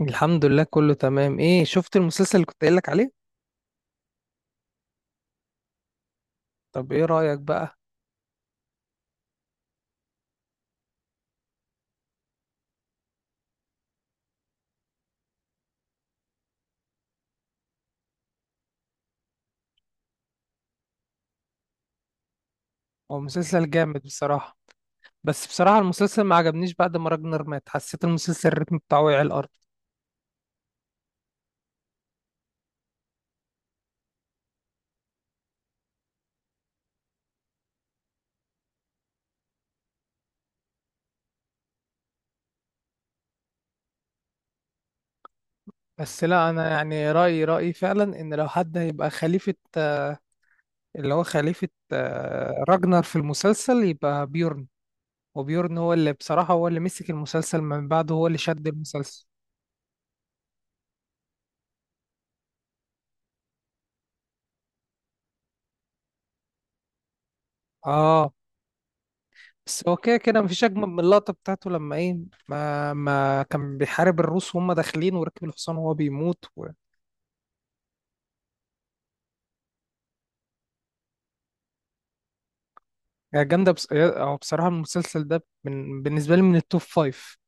الحمد لله، كله تمام. ايه، شفت المسلسل اللي كنت قايل لك عليه؟ طب ايه رأيك بقى؟ هو مسلسل جامد بصراحة. بس بصراحة المسلسل ما عجبنيش. بعد ما راجنر مات حسيت المسلسل الريتم بتاعه وقع الارض. بس لا، انا يعني رأيي فعلا ان لو حد هيبقى خليفة، اللي هو خليفة، راجنر في المسلسل يبقى بيورن. وبيورن هو اللي بصراحة، هو اللي مسك المسلسل من بعده، هو اللي شد المسلسل. اه. بس هو كده كده مفيش أجمل من اللقطة بتاعته لما إيه، ما كان بيحارب الروس وهم داخلين وركب الحصان وهو بيموت. يعني جامدة، بس أو بصراحة، بالنسبة لي من التوب فايف.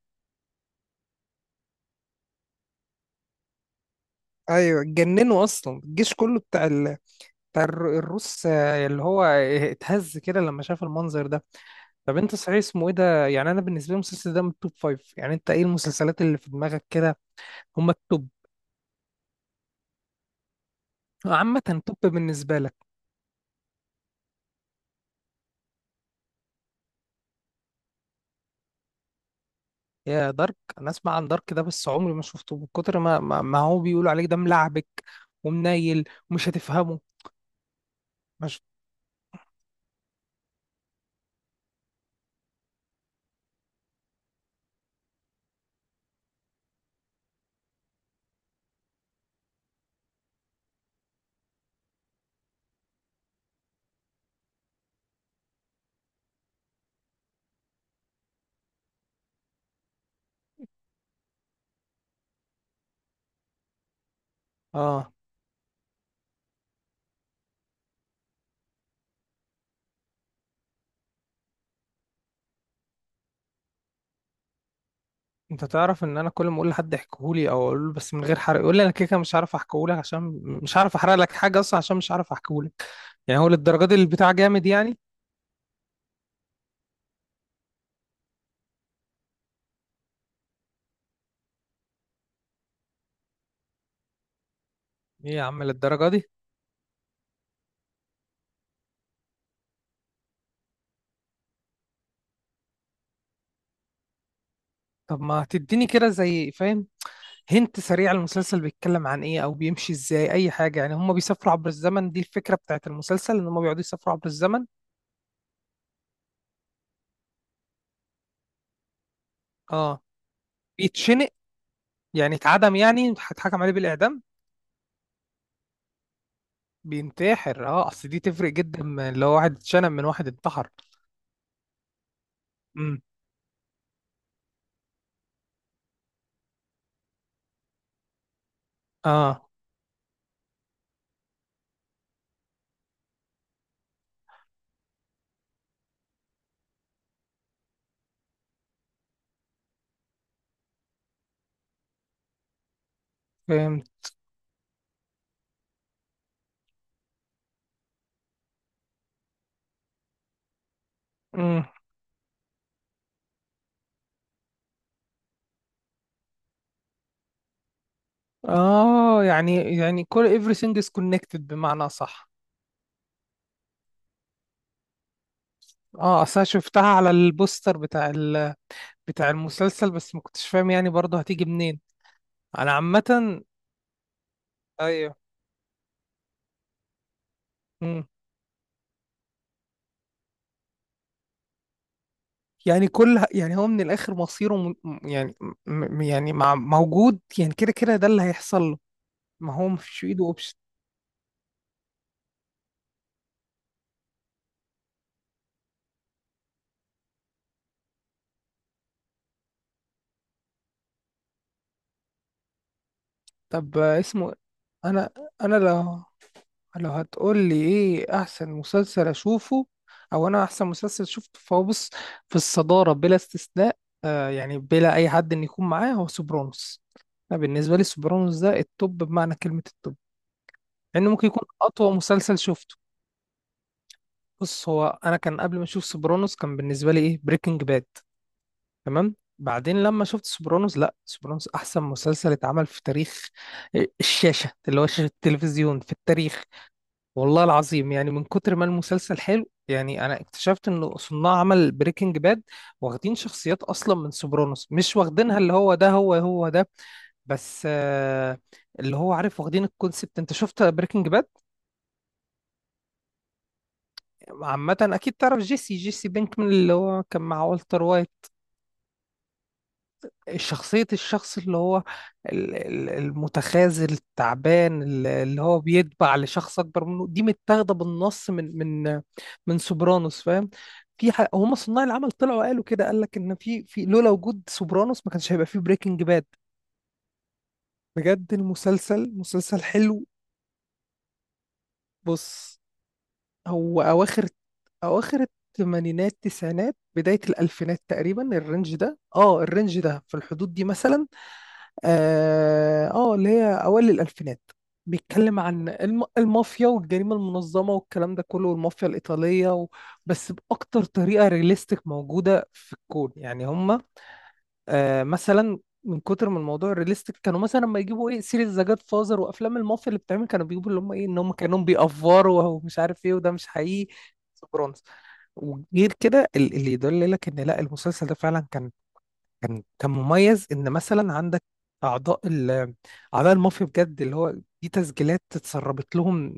أيوة، اتجننوا أصلا الجيش كله بتاع ال... بتاع الر- الروس، اللي هو اتهز كده لما شاف المنظر ده. طب أنت صحيح اسمه إيه ده؟ يعني أنا بالنسبة لي المسلسل ده من التوب فايف. يعني أنت إيه المسلسلات اللي في دماغك كده؟ هم التوب عامة، توب بالنسبة لك. يا دارك، انا اسمع عن دارك ده بس عمري ما شفته، من كتر ما هو بيقولوا عليك ده ملعبك ومنيل ومش هتفهمه. مش اه. انت تعرف ان انا كل ما اقول لحد احكيهولي او اقول له بس من غير حرق، يقول لي انا كده كده مش هعرف احكيهولك، عشان مش هعرف احرق لك حاجه اصلا، عشان مش هعرف احكيهولك. يعني هو للدرجه دي البتاع جامد يعني؟ ايه يا عم للدرجه دي؟ طب ما تديني كده زي فاهم. هنت سريع، المسلسل بيتكلم عن ايه او بيمشي ازاي؟ اي حاجه يعني. هم بيسافروا عبر الزمن؟ دي الفكره بتاعت المسلسل ان هم بيقعدوا يسافروا عبر الزمن؟ اه. بيتشنق يعني اتعدم يعني هيتحكم عليه بالإعدام؟ بينتحر. اه، اصل دي تفرق جدا من لو واحد اتشنم من واحد انتحر. امم. اه، فهمت. امم. اه، يعني كل everything is connected، بمعنى صح؟ اه، اصل أنا شفتها على البوستر بتاع المسلسل، بس ما كنتش فاهم يعني برضه هتيجي منين. انا عامة. ايوه. امم. يعني كل يعني، هو من الاخر مصيره موجود يعني كده كده، ده اللي هيحصل له. ما هو مفيش في ايده. طب اسمه إيه؟ انا انا لو هتقول لي ايه احسن مسلسل اشوفه او انا احسن مسلسل شفته، فهو بص، في الصدارة بلا استثناء، يعني بلا اي حد ان يكون معاه، هو سوبرانوس. انا بالنسبة لي سوبرانوس ده التوب، بمعنى كلمة التوب. لانه ممكن يكون اطول مسلسل شفته. بص، هو انا كان قبل ما اشوف سوبرانوس كان بالنسبة لي ايه، بريكنج باد. تمام. بعدين لما شفت سوبرانوس، لا، سوبرانوس احسن مسلسل اتعمل في تاريخ، الشاشة اللي هو شاشة التلفزيون، في التاريخ. والله العظيم يعني من كتر ما المسلسل حلو، يعني انا اكتشفت انه صناع عمل بريكنج باد واخدين شخصيات اصلا من سوبرانوس، مش واخدينها اللي هو ده، هو هو ده. بس اللي هو عارف، واخدين الكونسبت. انت شفت بريكنج باد عامة؟ اكيد تعرف جيسي بينكمان اللي هو كان مع والتر وايت. شخصية الشخص اللي هو المتخاذل التعبان، اللي هو بيتبع لشخص أكبر منه، دي متاخدة بالنص من من سوبرانوس، فاهم. هما صناع العمل طلعوا قالوا كده، قال لك إن في لولا وجود سوبرانوس ما كانش هيبقى في بريكنج باد. بجد المسلسل مسلسل حلو. بص هو أواخر أواخر الثمانينات، تسعينات، بداية الألفينات تقريبا، الرينج ده في الحدود دي مثلا. اللي هي أوائل الألفينات. بيتكلم عن المافيا والجريمة المنظمة والكلام ده كله، والمافيا الإيطالية. بس بأكتر طريقة رياليستيك موجودة في الكون يعني هم، مثلا، من كتر من الموضوع الريليستيك كانوا مثلا لما يجيبوا ايه سيريز ذا جاد فازر وافلام المافيا اللي بتعمل، كانوا بيجيبوا اللي هم ايه ان هم كانوا بيأفوروا ومش عارف ايه وده مش حقيقي. سوبرانوس، وغير كده اللي يدل لك ان لا المسلسل ده فعلا كان مميز، ان مثلا عندك اعضاء ال اعضاء المافيا بجد، اللي هو دي تسجيلات اتسربت لهم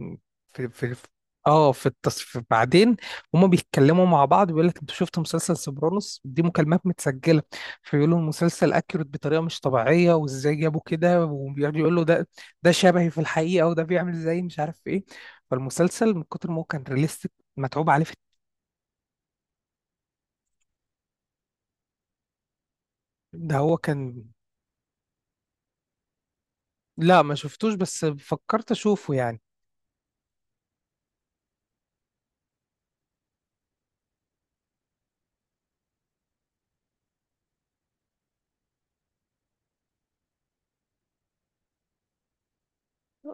في في في- اه في التصف بعدين. هما بيتكلموا مع بعض، بيقول لك انت شفت مسلسل سوبرانوس، دي مكالمات متسجله. فيقولوا المسلسل اكيوريت بطريقه مش طبيعيه، وازاي جابوا كده. وبيقعد يقول له ده، ده شبهي في الحقيقه، وده بيعمل زي مش عارف ايه. فالمسلسل من كتر ما هو كان ريليستيك، متعوب عليه في. ده هو كان. لا، ما شفتوش، بس فكرت اشوفه يعني.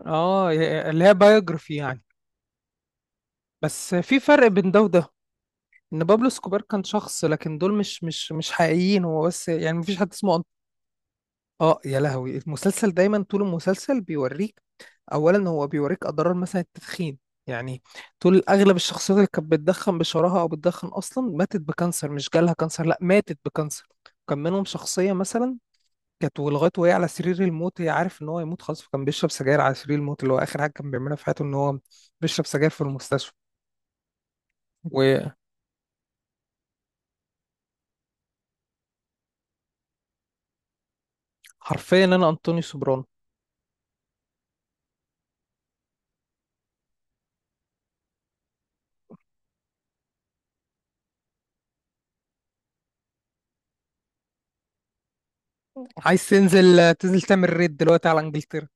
اه، اللي هي بايوجرافي يعني. بس في فرق بين ده وده، ان بابلو اسكوبار كان شخص لكن دول مش حقيقيين. هو بس يعني مفيش حد اسمه اه يا لهوي، المسلسل دايما طول المسلسل بيوريك. اولا هو بيوريك اضرار مثلا التدخين يعني، طول اغلب الشخصيات اللي كانت بتدخن بشراهه او بتدخن اصلا ماتت بكانسر. مش جالها كانسر، لا، ماتت بكانسر. كان منهم شخصيه مثلا، كانت ولغايه وهي على سرير الموت هي عارف ان هو يموت خلاص، فكان بيشرب سجاير على سرير الموت. اللي هو اخر حاجه كان بيعملها في حياته ان هو بيشرب سجاير في المستشفى وحرفيا. انا انطوني سوبرانو. عايز تنزل تعمل ريد دلوقتي على انجلترا.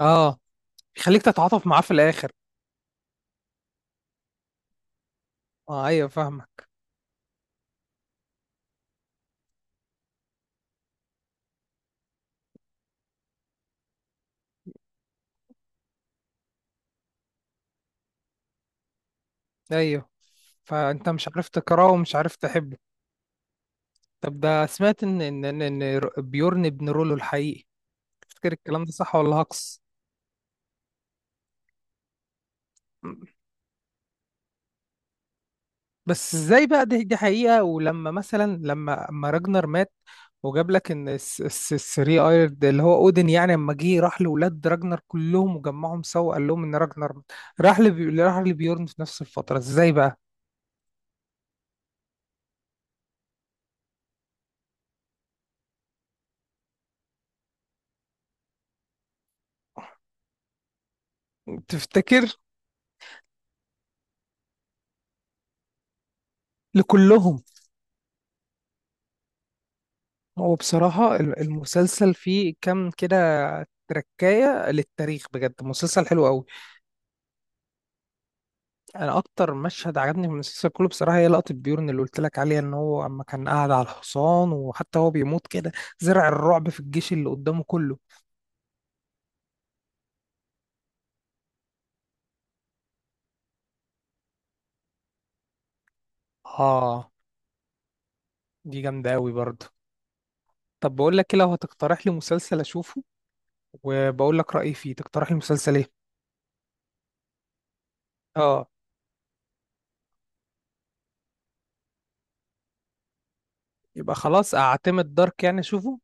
اه، يخليك تتعاطف معاه في الاخر. اه ايوه فاهمك. ايوه، فانت مش عارف تكرهه ومش عارف تحبه. طب ده سمعت ان ان ان إن بيورن ابن رولو الحقيقي؟ تفتكر الكلام ده صح ولا هقص؟ بس ازاي بقى دي حقيقة ولما مثلا لما اما راجنر مات، وجاب لك ان الثري ايرد اللي هو اودن يعني، اما جه راح لولاد راجنر كلهم وجمعهم سوا وقال لهم ان راجنر مات. راح لبيورن في نفس الفترة. ازاي بقى؟ تفتكر؟ لكلهم. هو بصراحة المسلسل فيه كام كده تركاية للتاريخ، بجد مسلسل حلو قوي. انا اكتر مشهد عجبني من المسلسل كله بصراحه هي لقطه بيورن اللي قلت لك عليها ان هو اما كان قاعد على الحصان وحتى هو بيموت كده، زرع الرعب في الجيش اللي قدامه كله. اه، دي جامده قوي برضه. طب بقول لك إيه، لو هتقترح لي مسلسل اشوفه وبقول لك رايي فيه، تقترح لي مسلسل ايه؟ اه، يبقى خلاص اعتمد دارك، يعني اشوفه.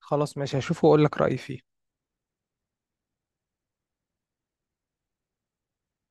خلاص ماشي، هشوفه واقول لك رايي فيه.